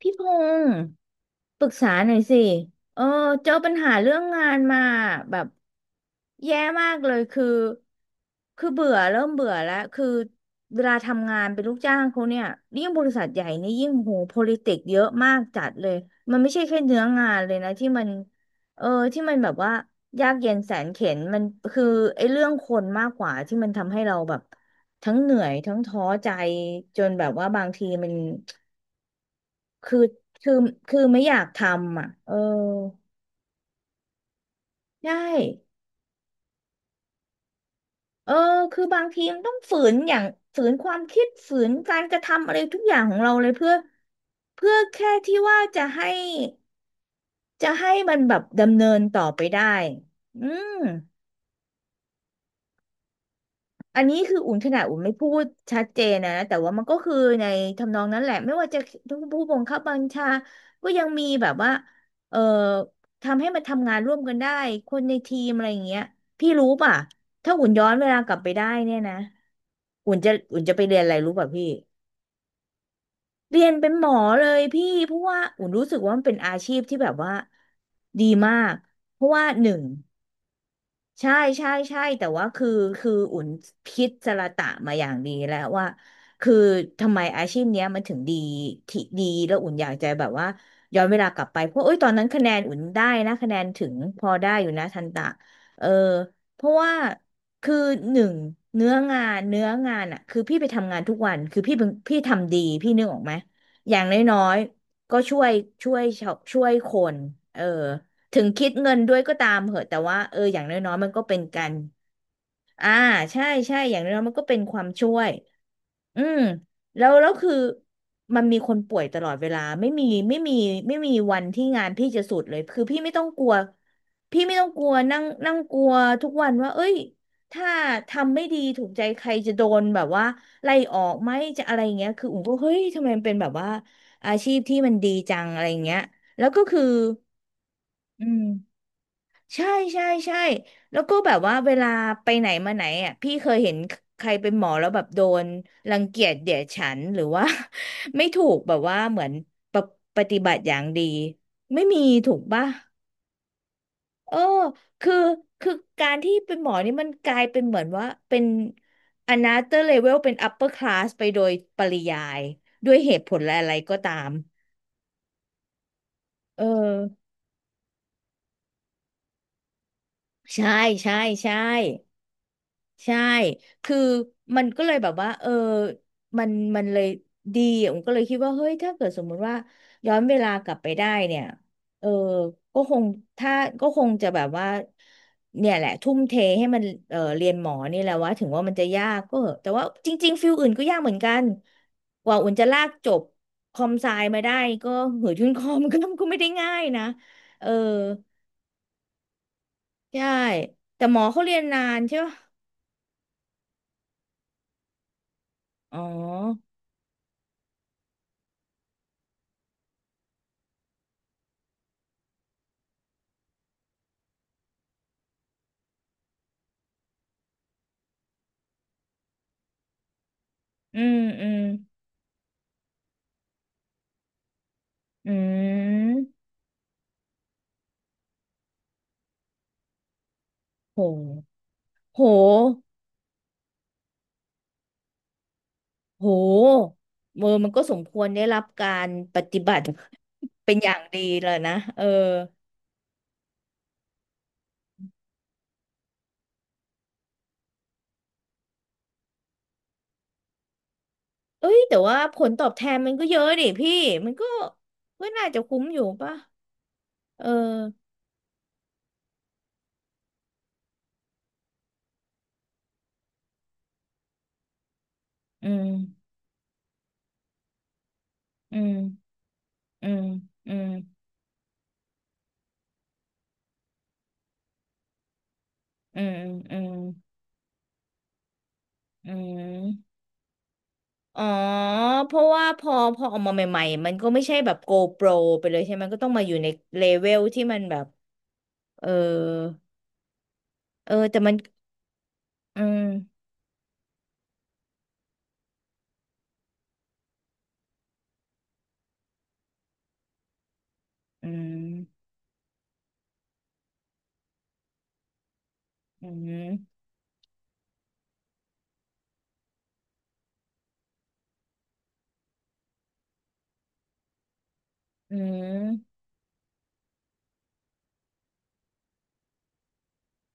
พี่พงศ์ปรึกษาหน่อยสิเออเจอปัญหาเรื่องงานมาแบบแย่มากเลยคือเบื่อเริ่มเบื่อแล้วคือเวลาทำงานเป็นลูกจ้างเขาเนี่ยยิ่งบริษัทใหญ่นี่ยิ่งโห politics เยอะมากจัดเลยมันไม่ใช่แค่เนื้องานเลยนะที่มันเออที่มันแบบว่ายากเย็นแสนเข็ญมันคือไอ้เรื่องคนมากกว่าที่มันทำให้เราแบบทั้งเหนื่อยทั้งท้อใจจนแบบว่าบางทีมัน คือคือคือไม่อยากทำอ่ะเออใช่เออคือบางทีมันต้องฝืนอย่างฝืนความคิดฝืนการกระทำอะไรทุกอย่างของเราเลยเพื่อแค่ที่ว่าจะให้มันแบบดำเนินต่อไปได้อืม อันนี้คืออุ่นขนาดอุ่นไม่พูดชัดเจนนะแต่ว่ามันก็คือในทำนองนั้นแหละไม่ว่าจะผู้บังคับบัญชาก็ยังมีแบบว่าเอ่อทำให้มันทำงานร่วมกันได้คนในทีมอะไรอย่างเงี้ยพี่รู้ป่ะถ้าอุ่นย้อนเวลากลับไปได้เนี่ยนะอุ่นจะไปเรียนอะไรรู้ป่ะพี่เรียนเป็นหมอเลยพี่เพราะว่าอุ่นรู้สึกว่ามันเป็นอาชีพที่แบบว่าดีมากเพราะว่าหนึ่ง ใช่ใช่ใช่แต่ว่าคืออุ่นพิจารณามาอย่างดีแล้วว่าคือทำไมอาชีพเนี้ยมันถึงดีที่ดีแล้วอุ่นอยากจะแบบว่าย้อนเวลากลับไปเพราะเอ้ยตอนนั้นคะแนนอุ่นได้นะคะแนนถึงพอได้อยู่นะทันตะเออเพราะว่าคือหนึ่งเนื้องานอ่ะคือพี่ไปทำงานทุกวันคือพี่เป็นพี่ทำดีพี่นึกออกไหมอย่างน้อยๆก็ช่วยช่วยชาวช่วยคนเออ ถึงคิดเงินด้วยก็ตามเหอะแต่ว่าเอออย่างน้อยๆมันก็เป็นกันอ่าใช่ใช่อย่างน้อยๆมันก็เป็นความช่วยอืมแล้วคือมันมีคนป่วยตลอดเวลาไม่มีไม่มีวันที่งานพี่จะสุดเลยคือพี่ไม่ต้องกลัวพี่ไม่ต้องกลัวนั่งนั่งกลัวทุกวันว่าเอ้ยถ้าทำไม่ดีถูกใจใครจะโดนแบบว่าไล่ออกไหมจะอะไรอย่างเงี้ยคืออุ๋มก็เฮ้ยทำไมมันเป็นแบบว่าอาชีพที่มันดีจังอะไรอย่างเงี้ยแล้วก็คืออืม ใช่ใช่ใช่แล้วก็แบบว่าเวลาไปไหนมาไหนอ่ะพี่เคยเห็นใครเป็นหมอแล้วแบบโดนรังเกียจเดียดฉันหรือว่า ไม่ถูกแบบว่าเหมือนปะปฏิบัติอย่างดีไม่มีถูกป่ะเออคือคือการที่เป็นหมอนี่มันกลายเป็นเหมือนว่าเป็น another level เป็น upper class ไปโดยปริยายด้วยเหตุผลอะไรก็ตามเออใช่ใช่ใช่ ใช่ คือมันก็เลยแบบว่าเออมันมันเลยดีอะผมก็เลยคิดว่าเฮ้ยถ้าเกิดสมมุติว่าย้อนเวลากลับไปได้เนี่ยเออก็คงถ้าก็คงจะแบบว่าเนี่ยแหละทุ่มเทให้มันเออเรียนหมอนี่แหละว่าถึงว่ามันจะยากก็เหอะแต่ว่าจริงๆฟิลอื่นก็ยากเหมือนกันกว่าอุ่นจะลากจบคอมไซมาได้ก็เหือยุ่นคอมก็ไม่ได้ง่ายนะเออใช่แต่หมอเขาเรียนนานใช่ปะอ๋ออืมอืม อืมโหโหโหเออมันก็สมควรได้รับการปฏิบัติ เป็นอย่างดีเลยนะเออเอ้ยแต่ว่าผลตอบแทนมันก็เยอะดิพี่มันก็ก็น่าจะคุ้มอยู่ป่ะเอออืมอืมอืมอืมอืมอืมอืมอ๋อเพราะว่าพอพอออกมาใหม่ๆมันก็ไม่ใช่แบบ GoPro ไปเลยใช่ไหมก็ต้องมาอยู่ในเลเวลที่มันแบบเออเออแต่มัน อืมอืมอืมอืม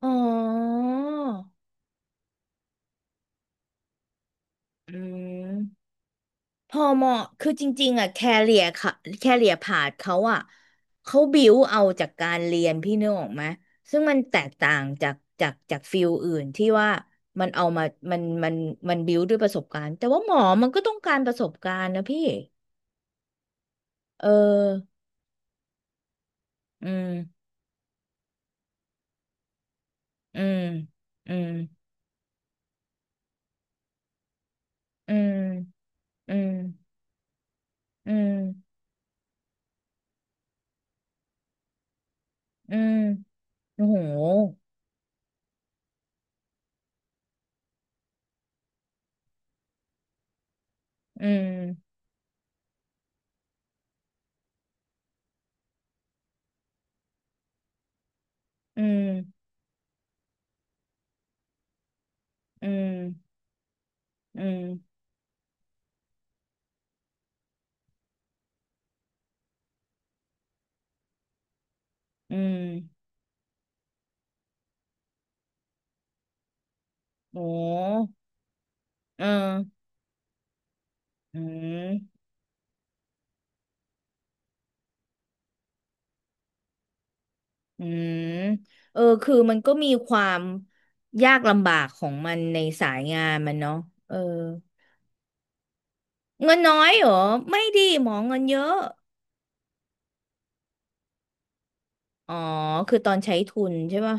อ๋ออืมพอเหมาะคือจริงๆอ่ะแคเรียค่ะแคเรียพาธเขาอ่ะเขาบิวเอาจากการเรียนพี่นึกออกไหมซึ่งมันแตกต่างจากฟิลอื่นที่ว่ามันเอามามันมันบิวด้วยประสบการณ์แต่ว่าหมอมันก็ต้องการประสบการณ์นะพี่เอออืมอืมอืมอืมอืมอืมอืมโอ้โห อืมอืมอืมอืมอืมโอ้เอออืมอืมเออคือมันก็มีความยากลำบากของมันในสายงานมันเนาะเออเงินน้อยเหรอไม่ดีหมอเงินเยอะอ๋อคือตอนใช้ทุนใช่ป่ะ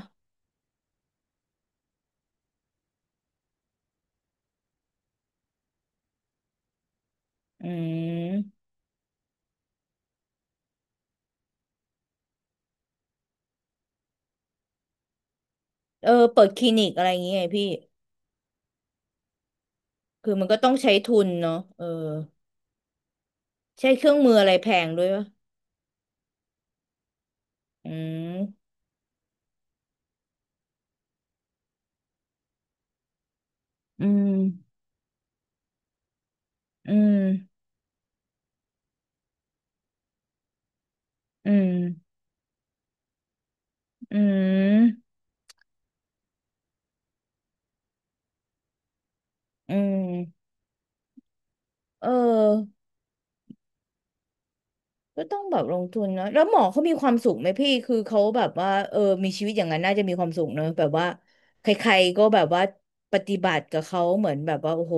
อืมเออเปิดคลินิกอะไรอย่างเงี้ยไงพี่คือมันก็ต้องใช้ทุนเนาะเออใช้เครื่องมืออะไรแพงด้วยป่ะอืมอืมอืมอืม อืมอืมเออก็ต้องแบบลงทุนเนอะแล้วหมอเขามีความสุขไหมพี่คือเขาแบบว่าเออมีชีวิตอย่างนั้นน่าจะมีความสุขเนอะแบบว่าใครๆก็แบบว่าปฏิบัติกับเขาเหมือนแบบว่าโอ้โห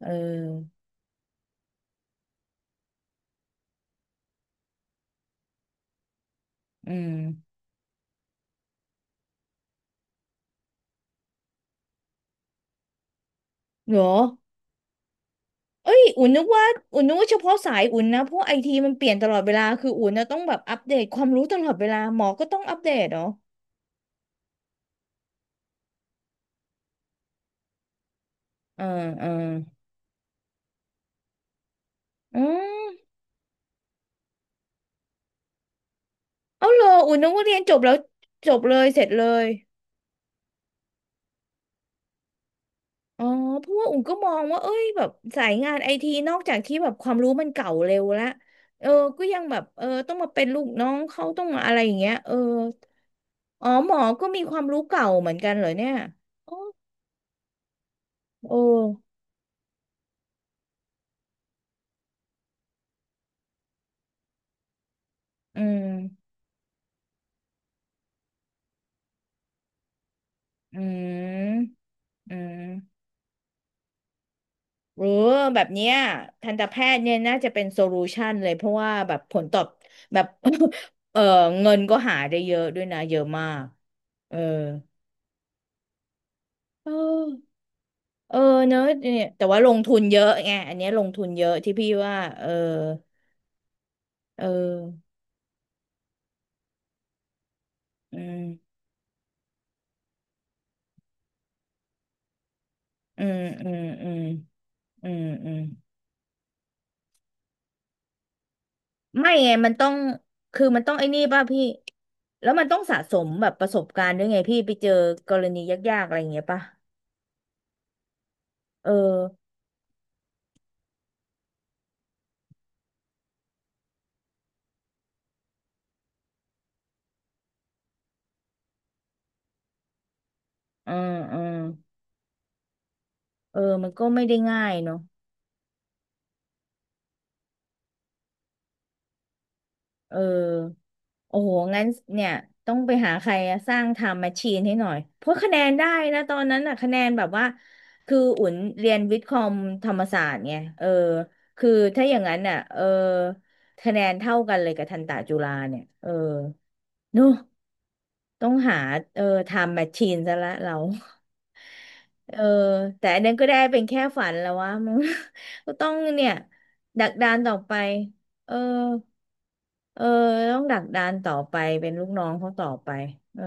เอออืมเหรอเอ้ยอุ่นนึกว่าเฉพาะสายอุ่นนะเพราะไอทีมันเปลี่ยนตลอดเวลาคืออุ่นนะต้องแบบอัปเดตความรู้ตลอดเวลาหมอก็ต้องอัปเดตเนาะเอ่าอ่าอืมเอาเหรออุ่นนึกว่าเรียนจบแล้วจบเลยเสร็จเลย อ๋อเพราะว่าอุ่นก็มองว่าเอ้ยแบบสายงานไอทีนอกจากที่แบบความรู้มันเก่าเร็วละเออก็ยังแบบเออต้องมาเป็นลูกน้องเขาต้องมาอะไรอย่างเงี้ยเอออ๋อหมอก็มีความรู้เก่าเหมือนกันเหรอเนี่ยอ๋อโอ้อืมอืมอืมเออแบบเนี้ยทันตแพทย์เนี่ยน่าจะเป็นโซลูชันเลยเพราะว่าแบบผลตอบแบบ เออเงินก็หาได้เยอะด้วยนะเยอะมากเออเออ เออเนอะเนี่ยแต่ว่าลงทุนเยอะไงอันเนี้ยลงทุนเยอะที่พี่ว่าเออเอออืมอืมอืมอืมอืมอืมไม่ไงมันต้องคือมันต้องไอ้นี่ป่ะพี่แล้วมันต้องสะสมแบบประสบการณ์ด้วยไงพี่ไปเจอกรณียากๆอะไรอย่างเงี้ยป่ะเอออืมอืมเออมันก็ไม่ได้ง่ายเนาะเออ โอ้โหงั้นเนี่ยต้องไปหาใครอะสร้างไทม์แมชชีนให้หน่อยเพราะคะแนนได้นะตอนนั้นอะคะแนนแบบว่าคืออุ่นเรียนวิทย์คอมธรรมศาสตร์ไงเออคือถ้าอย่างนั้นอะเออคะแนนเท่ากันเลยกับทันตะจุฬาเนี่ยเออเนอะต้องหาเออไทม์แมชชีนซะละเรา เออแต่อันนั้นก็ได้เป็นแค่ฝันแล้ววะมัน ก็ต้องเนี่ยดักดานต่อไปเออเออต้องดักดานต่อไปเป็นลูกน้องเขาต่อไปเออ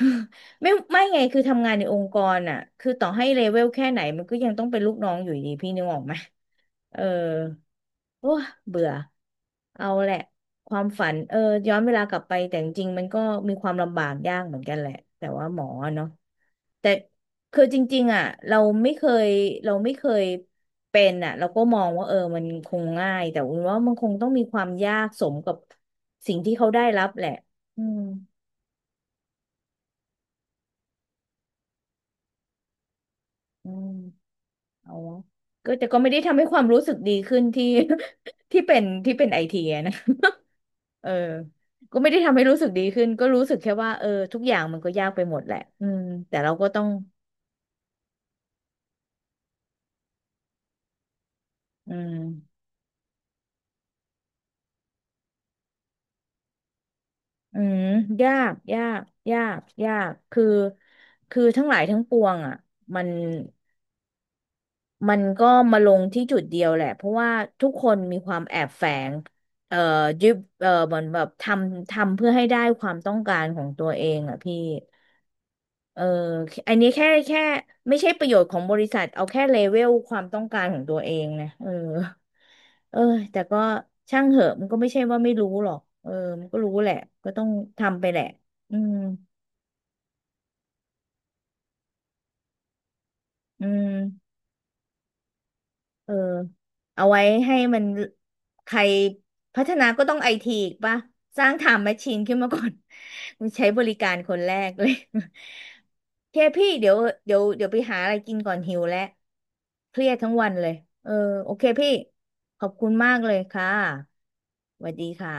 ไม่ไงคือทำงานในองค์กรอ่ะคือต่อให้เลเวลแค่ไหนมันก็ยังต้องเป็นลูกน้องอยู่ดีพี่นึกออกไหมเออ โอ้เบื่อเอาแหละ ความฝันเออย้อนเวลากลับไปแต่จริงๆมันก็มีความลำบากยากเหมือนกันแหละ แต่ว่าหมอเนาะแต่คือจริงๆอ่ะเราไม่เคยเราไม่เคยเป็นอ่ะเราก็มองว่าเออมันคงง่ายแต่อุ่นว่ามันคงต้องมีความยากสมกับสิ่งที่เขาได้รับแหละอืมอืมเอาวะก็แต่ก็ไม่ได้ทำให้ความรู้สึกดีขึ้นที่ ที่เป็นไอทีนะ เออก็ไม่ได้ทำให้รู้สึกดีขึ้นก็รู้สึกแค่ว่าเออทุกอย่างมันก็ยากไปหมดแหละอืมแต่เราก็ต้องอืมอืมยากยากคือทั้งหลายทั้งปวงอ่ะมันก็มาลงที่จุดเดียวแหละเพราะว่าทุกคนมีความแอบแฝงเอ่อยึดเหมือนแบบทำเพื่อให้ได้ความต้องการของตัวเองอ่ะพี่ เอออันนี้แค่ไม่ใช่ประโยชน์ของบริษัทเอาแค่เลเวลความต้องการของตัวเองนะเออเออแต่ก็ช่างเหอะมันก็ไม่ใช่ว่าไม่รู้หรอกเออมันก็รู้แหละก็ต้องทำไปแหละอืมอืม เออเอาไว้ให้มันใครพัฒนาก็ต้องไอทีอีกป่ะสร้างไทม์แมชชีนขึ้นมาก่อน มันใช้บริการคนแรกเลย เคพี่เดี๋ยวเดี๋ยวไปหาอะไรกินก่อนหิวแล้วเครียดทั้งวันเลยเออโอเคพี่ขอบคุณมากเลยค่ะสวัสดีค่ะ